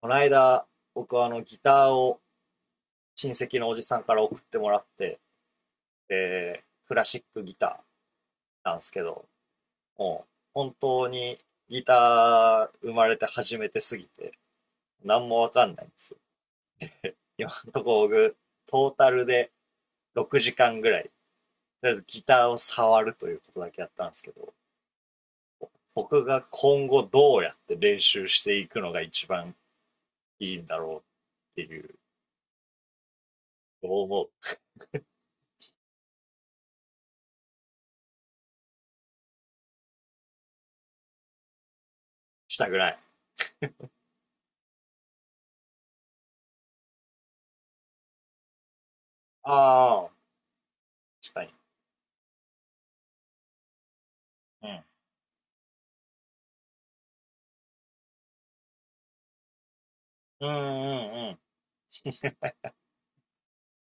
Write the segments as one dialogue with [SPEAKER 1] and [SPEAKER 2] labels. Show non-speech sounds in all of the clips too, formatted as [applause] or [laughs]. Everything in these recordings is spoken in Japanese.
[SPEAKER 1] この間、僕はあのギターを親戚のおじさんから送ってもらって、で、クラシックギターなんですけど、もう本当にギター生まれて初めてすぎて、何もわかんないんですよ。今のところ僕、トータルで6時間ぐらい、とりあえずギターを触るということだけやったんですけど、僕が今後どうやって練習していくのが一番いいんだろうっていう、どう思う？したくない。ああ、確かに。うん。うんうんうん。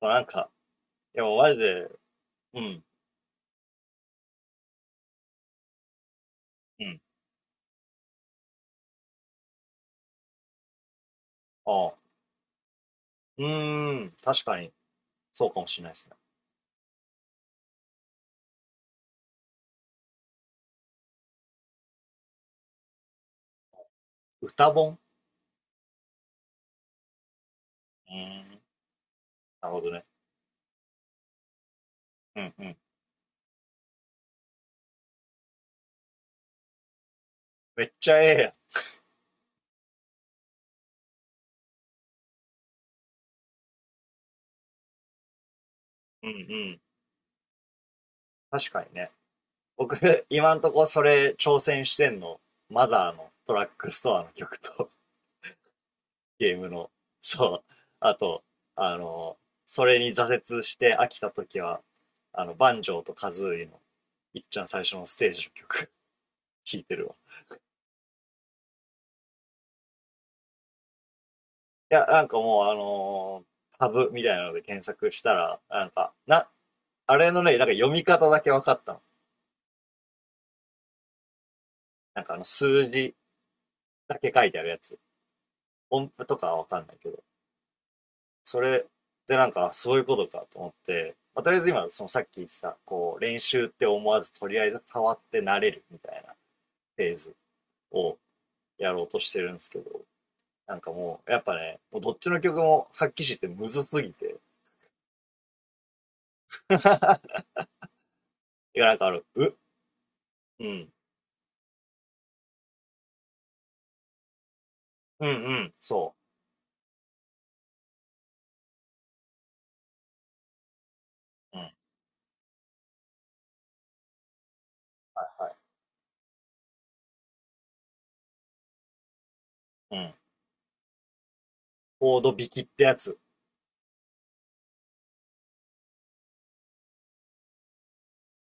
[SPEAKER 1] もうなんか、でもマジで、うん、うん。ああ。うーん、確かに、そうかもしれないですね。歌本。うーん、なるほどね。うんうん。めっちゃええやん。うんうん。確かにね。僕、今んとこそれ挑戦してんの、マザーのトラックストアの曲と、[laughs] ゲームの、そう。あと、あの、それに挫折して飽きた時は、バンジョーとカズーイの、いっちゃん最初のステージの曲、[laughs] 聴いてるわ。いや、なんかもう、タブみたいなので検索したら、なんか、あれのね、なんか読み方だけ分かったの。なんか数字だけ書いてあるやつ。音符とかは分かんないけど。それでなんか、そういうことかと思って、まあ、とりあえず今、そのさっき言ってた、こう、練習って思わず、とりあえず触って慣れるみたいなフェーズをやろうとしてるんですけど、なんかもう、やっぱね、もうどっちの曲も発揮してむずすぎて。[laughs] いや、なんかある、うん、うん、うん、そう。うん。はいうん。コード引きってやつ。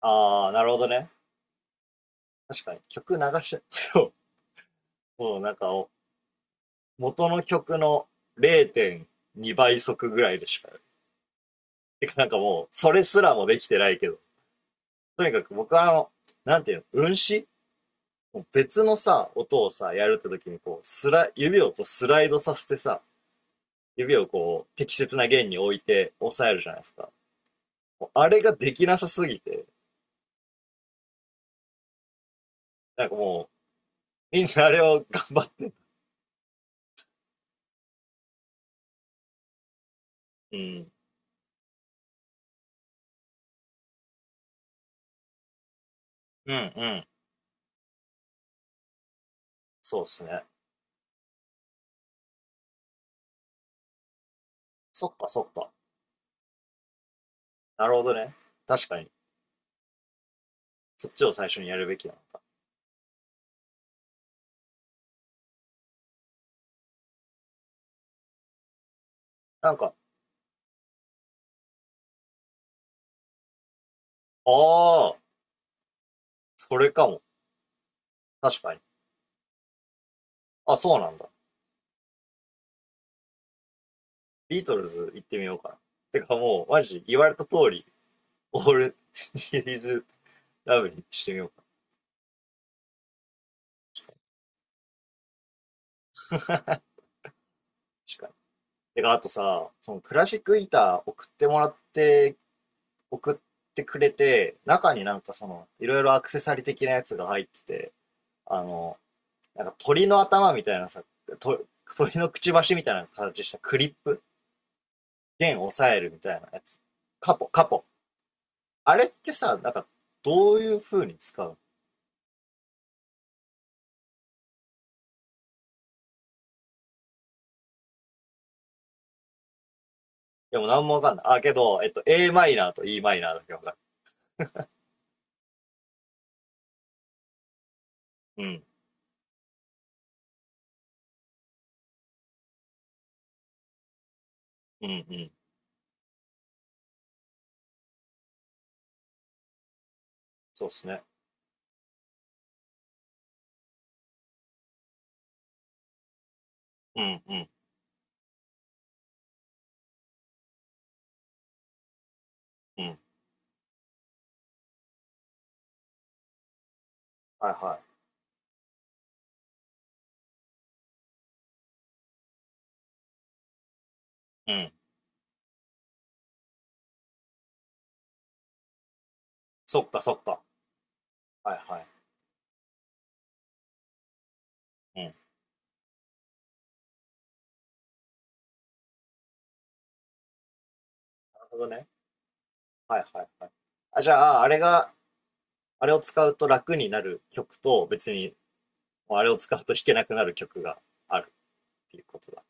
[SPEAKER 1] あー、なるほどね。確かに。曲流し、[laughs] もうもうなんか、元の曲の0.2倍速ぐらいでしか。てかなんかもう、それすらもできてないけど。とにかく僕はなんていうの、運指別のさ、音をさ、やるって時にこう、指をこうスライドさせてさ、指をこう、適切な弦に置いて押さえるじゃないですか。あれができなさすぎて、なんかもう、みんなあれを頑張って、うん、うん、うん。そうっすね。そっかそっか。なるほどね。確かに。そっちを最初にやるべきだな。なんか、ああ、それかも。確かに。あ、そうなんだ。ビートルズ行ってみようかな。てかもう、マジ、言われた通り、オール、ディーズラブにしてみようかな。確かに。てか、あとさ、そのクラシックギター送ってもらって、送ってくれて、中になんかその、いろいろアクセサリー的なやつが入ってて、あのなんか鳥の頭みたいなさ、と鳥のくちばしみたいな形したクリップ、弦を押さえるみたいなやつ。カポ、カポ。あれってさ、なんか、どういう風に使うの？でもなんもわかんない。あ、けど、a マイナーと e マイナーだけわかる。うん、うん、うん。そうっすね。うん、うん、うん。はいはい。うん。そっか、そっか。はいはい。うん。なるほどね。はいはいはい。あ、じゃあ、あれが、あれを使うと楽になる曲と、別に、あれを使うと弾けなくなる曲があるっていうことだ。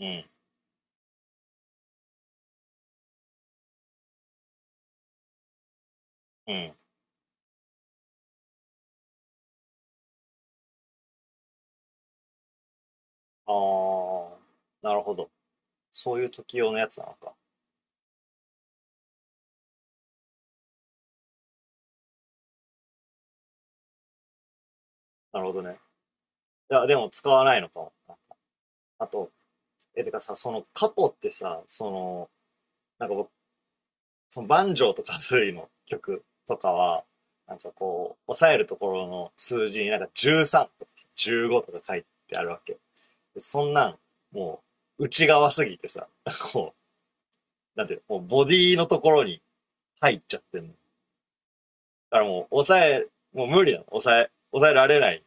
[SPEAKER 1] うん、うん。ああ、なるほど。そういう時用のやつなのか。なるほどね。いや、でも使わないのかも。あと、てかさ、そのカポってさ、その、なんか僕、そのバンジョーとかズーイの曲とかは、なんかこう、押さえるところの数字になんか13とか15とか書いてあるわけ。でそんなん、もう、内側すぎてさ、[laughs] こう、なんていうの、もうボディのところに入っちゃってんの。だからもう、もう無理なの。抑えられない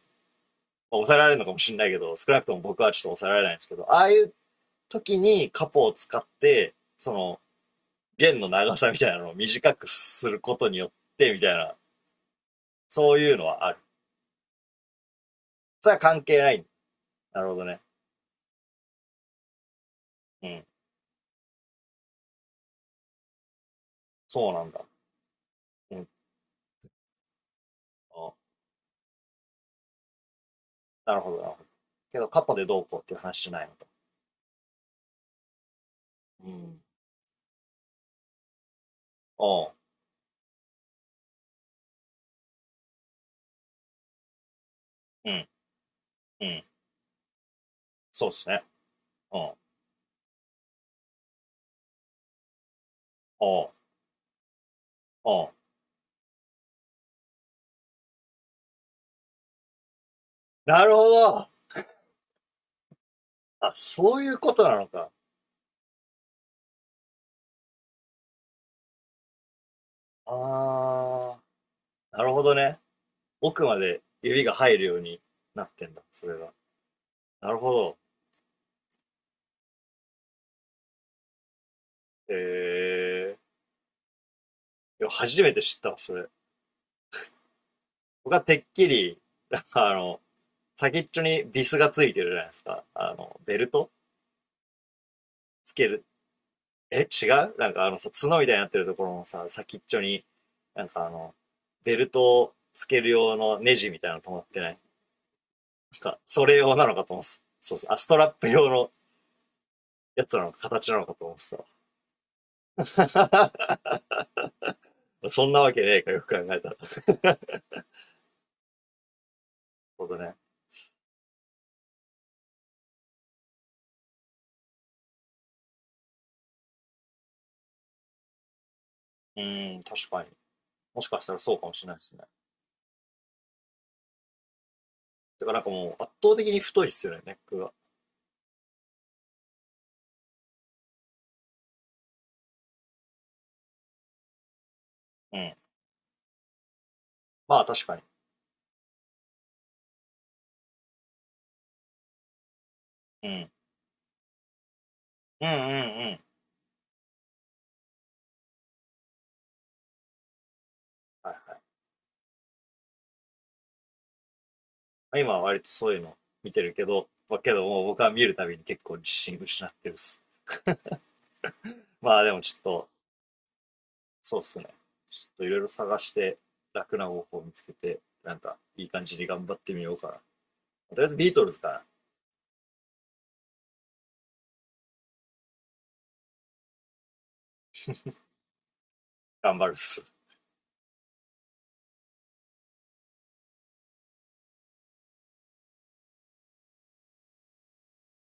[SPEAKER 1] 抑えられるのかもしれないけど、少なくとも僕はちょっと抑えられないんですけど、ああいう時にカポを使って、その、弦の長さみたいなのを短くすることによって、みたいな、そういうのはある。それは関係ない。なるほどね。うん。そうなんだ。うん。なるほど、なるほど。けど、カポでどうこうっていう話じゃないのか。うん。おう。うん。うん。そうですね。うん。おう。おう。なるほど。あ、そういうことなのか。あー。なるほどね。奥まで指が入るようになってんだ、それが。なるほど。えいや初めて知ったわ、それ。僕はてっきり、なんかあの、先っちょにビスがついてるじゃないですか。あの、ベルトつける。違う、なんかあのさ、角みたいになってるところのさ、先っちょに、なんかあの、ベルトをつける用のネジみたいなの止まってない？なんか、それ用なのかと思ってた。そうそう。あ、ストラップ用のやつなのか、形なのかと思ってた。 [laughs] そんなわけねえか、よく考えたら。[laughs] ほどね。うん、確かに。もしかしたらそうかもしれないですね。てからなんかもう圧倒的に太いっすよね、ネックが。うん。まあ確かに。うん。うんうんうん。はいはい。今は割とそういうの見てるけど、まあけどもう僕は見るたびに結構自信失ってるっす。まあでもちょっと、そうっすね。ちょっといろいろ探して楽な方法を見つけて、なんかいい感じに頑張ってみようかな。とりあえずビートルズから頑張るっす。